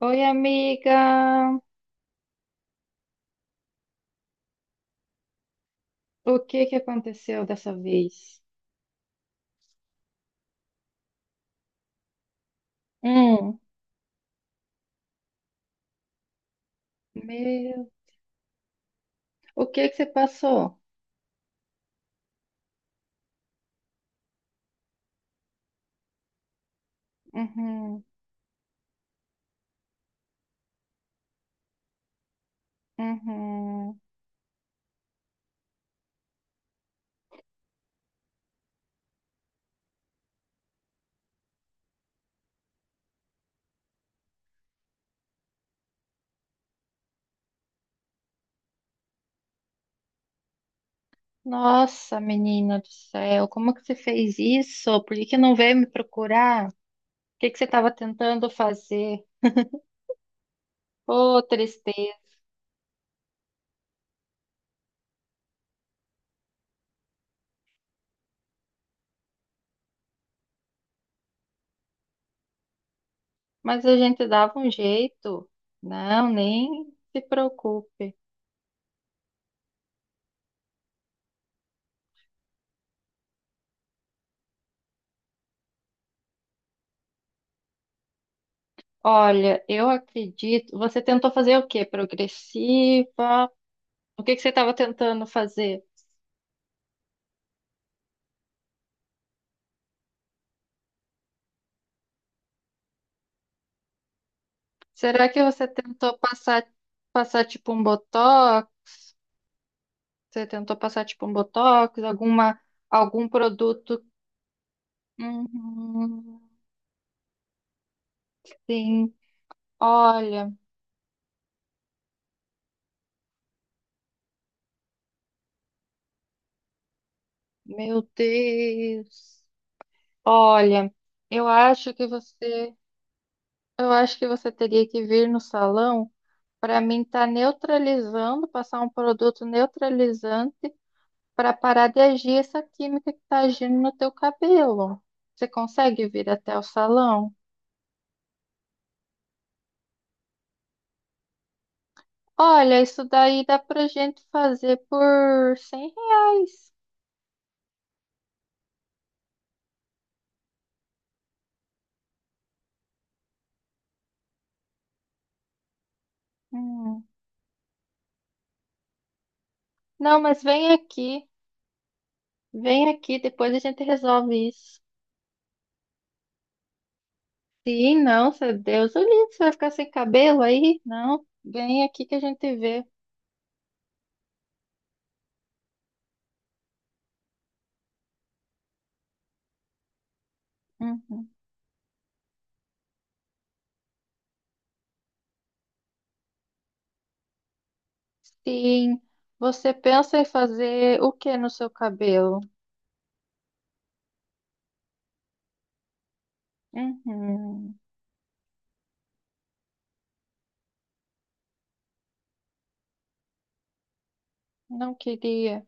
Oi, amiga. O que que aconteceu dessa vez? Hum, Meu, o que que você passou? Uhum, uhum. Nossa, menina do céu, como que você fez isso? Por que que não veio me procurar? O que que você estava tentando fazer? Ô, tristeza. Mas a gente dava um jeito. Não, nem se preocupe. Olha, eu acredito. Você tentou fazer o quê? Progressiva? O que que você estava tentando fazer? Será que você tentou passar, passar tipo um botox? Você tentou passar tipo um botox? Alguma, algum produto? Uhum, sim. Olha, meu Deus. Olha, eu acho que você, eu acho que você teria que vir no salão para mim estar neutralizando, passar um produto neutralizante para parar de agir essa química que está agindo no teu cabelo. Você consegue vir até o salão? Olha, isso daí dá pra gente fazer por R$ 100. Hum, Não, mas vem aqui. Vem aqui, depois a gente resolve isso. Sim, não, seu Deus, o livro, você vai ficar sem cabelo aí? Não, vem aqui que a gente vê. Uhum, sim, você pensa em fazer o que no seu cabelo? Uhum. Não queria.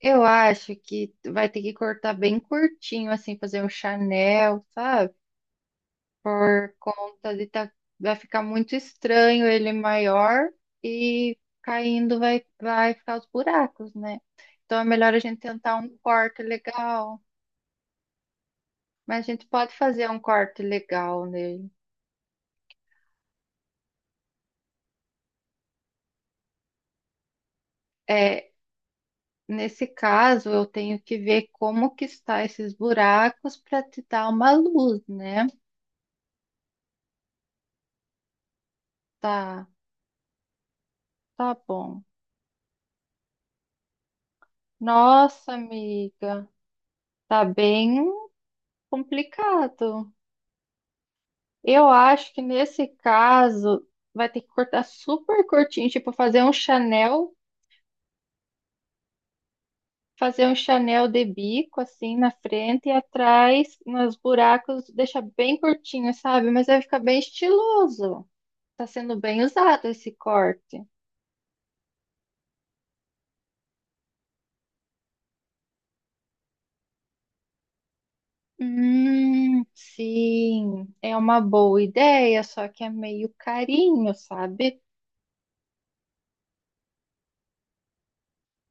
Eu acho que vai ter que cortar bem curtinho, assim, fazer um Chanel, sabe? Por conta de tá, vai ficar muito estranho ele maior e caindo vai ficar os buracos, né? Então é melhor a gente tentar um corte legal, mas a gente pode fazer um corte legal nele. É, nesse caso, eu tenho que ver como que está esses buracos para te dar uma luz, né? Tá, tá bom. Nossa, amiga, tá bem complicado. Eu acho que nesse caso vai ter que cortar super curtinho, tipo fazer um Chanel de bico assim na frente e atrás, nos buracos, deixa bem curtinho, sabe? Mas vai ficar bem estiloso. Tá sendo bem usado esse corte. Sim, é uma boa ideia, só que é meio carinho, sabe?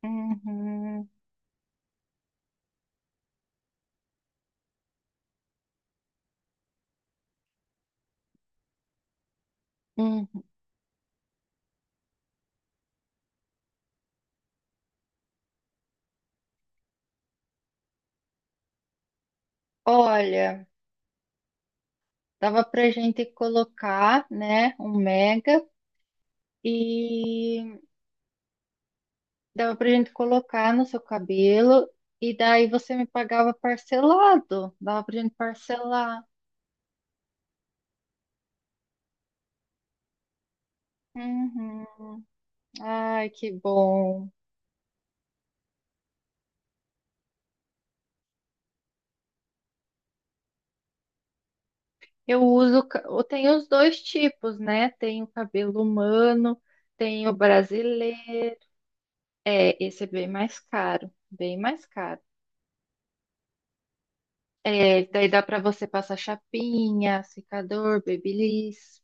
Uhum, uhum. Olha, dava pra gente colocar, né, um mega e dava pra gente colocar no seu cabelo e daí você me pagava parcelado. Dava pra gente parcelar. Uhum. Ai, que bom. Eu uso, eu tenho os dois tipos, né? Tem o cabelo humano, tem o brasileiro. É, esse é bem mais caro, bem mais caro. É, daí dá pra você passar chapinha, secador, babyliss.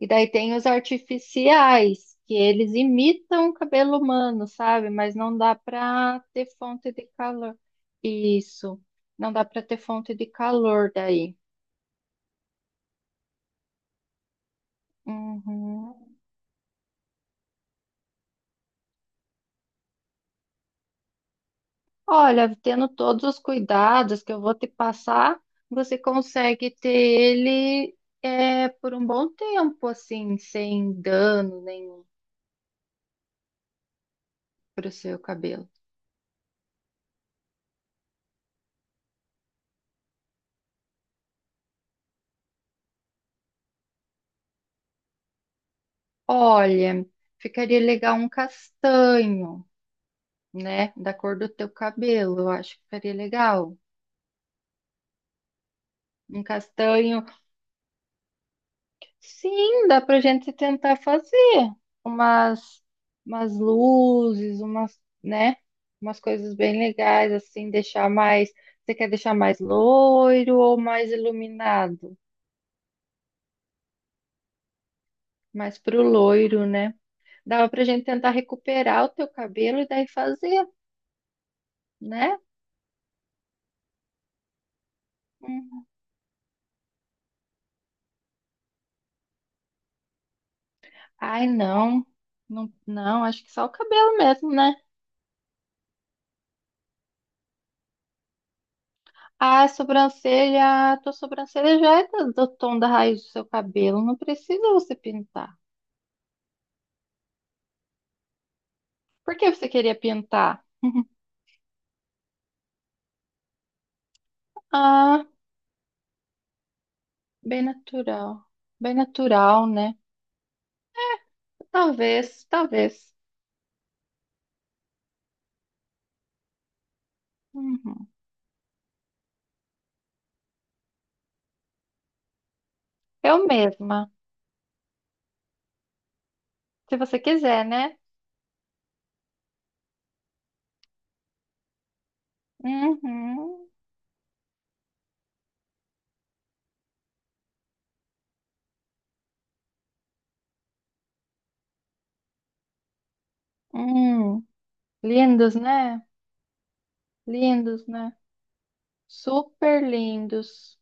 E daí tem os artificiais, que eles imitam o cabelo humano, sabe? Mas não dá para ter fonte de calor. Isso. Não dá para ter fonte de calor daí. Uhum. Olha, tendo todos os cuidados que eu vou te passar, você consegue ter ele por um bom tempo, assim, sem dano nenhum para o seu cabelo. Olha, ficaria legal um castanho, né? Da cor do teu cabelo, eu acho que seria legal. Um castanho. Sim, dá pra gente tentar fazer umas, umas luzes, umas, né? Umas coisas bem legais, assim, deixar mais. Você quer deixar mais loiro ou mais iluminado? Mais pro loiro, né? Dava pra gente tentar recuperar o teu cabelo e daí fazer, né? Hum. Ai, não. Não, acho que só o cabelo mesmo, né? A sobrancelha, a tua sobrancelha já é do tom da raiz do seu cabelo, não precisa você pintar. Por que você queria pintar? Ah, bem natural. Bem natural, né? Talvez, talvez. Uhum. Eu mesma, se você quiser, né? Uhum. Hum. Lindos, né? Lindos, né? Super lindos.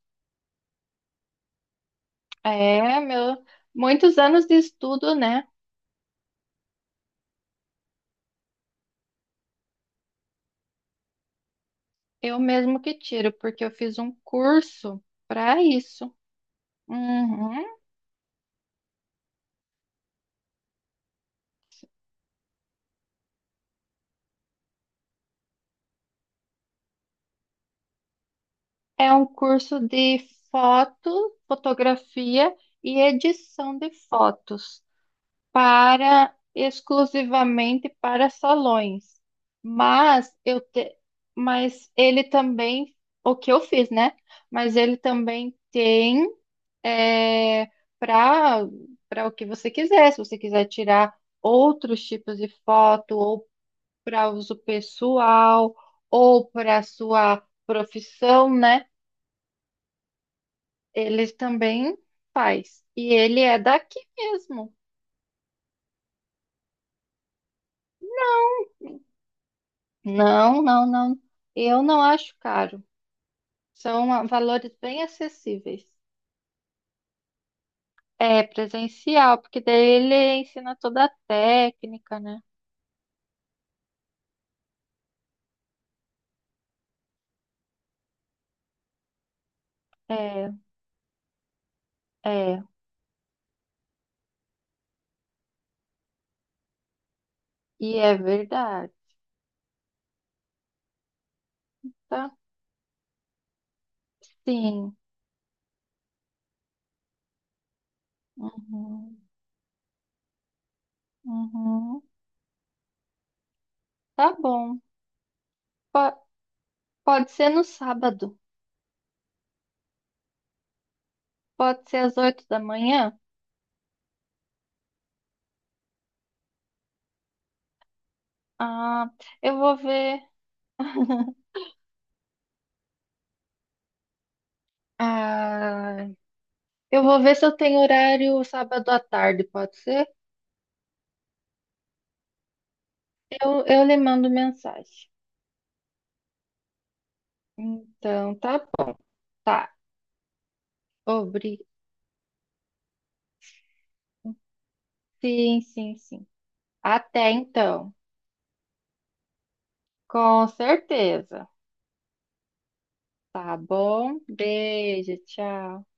É, meu, muitos anos de estudo, né? Eu mesmo que tiro, porque eu fiz um curso para isso. Uhum. É um curso de fotografia e edição de fotos para exclusivamente para salões. Mas eu te, mas ele também, o que eu fiz, né? Mas ele também tem é, para para o que você quiser. Se você quiser tirar outros tipos de foto ou para uso pessoal ou para sua profissão, né? Ele também faz. E ele é daqui mesmo. Não. Eu não acho caro. São valores bem acessíveis. É presencial, porque daí ele ensina toda a técnica, né? É, é. E é verdade, tá? Sim. Uhum, uhum. Tá bom. Po- Pode ser no sábado. Pode ser às 8 da manhã. Ah, eu vou ver. Ah, eu vou ver se eu tenho horário sábado à tarde, pode ser? Eu lhe mando mensagem. Então, tá bom. Tá. Obri... Sim, sim, sim. Até então. Com certeza. Tá bom? Beijo, tchau.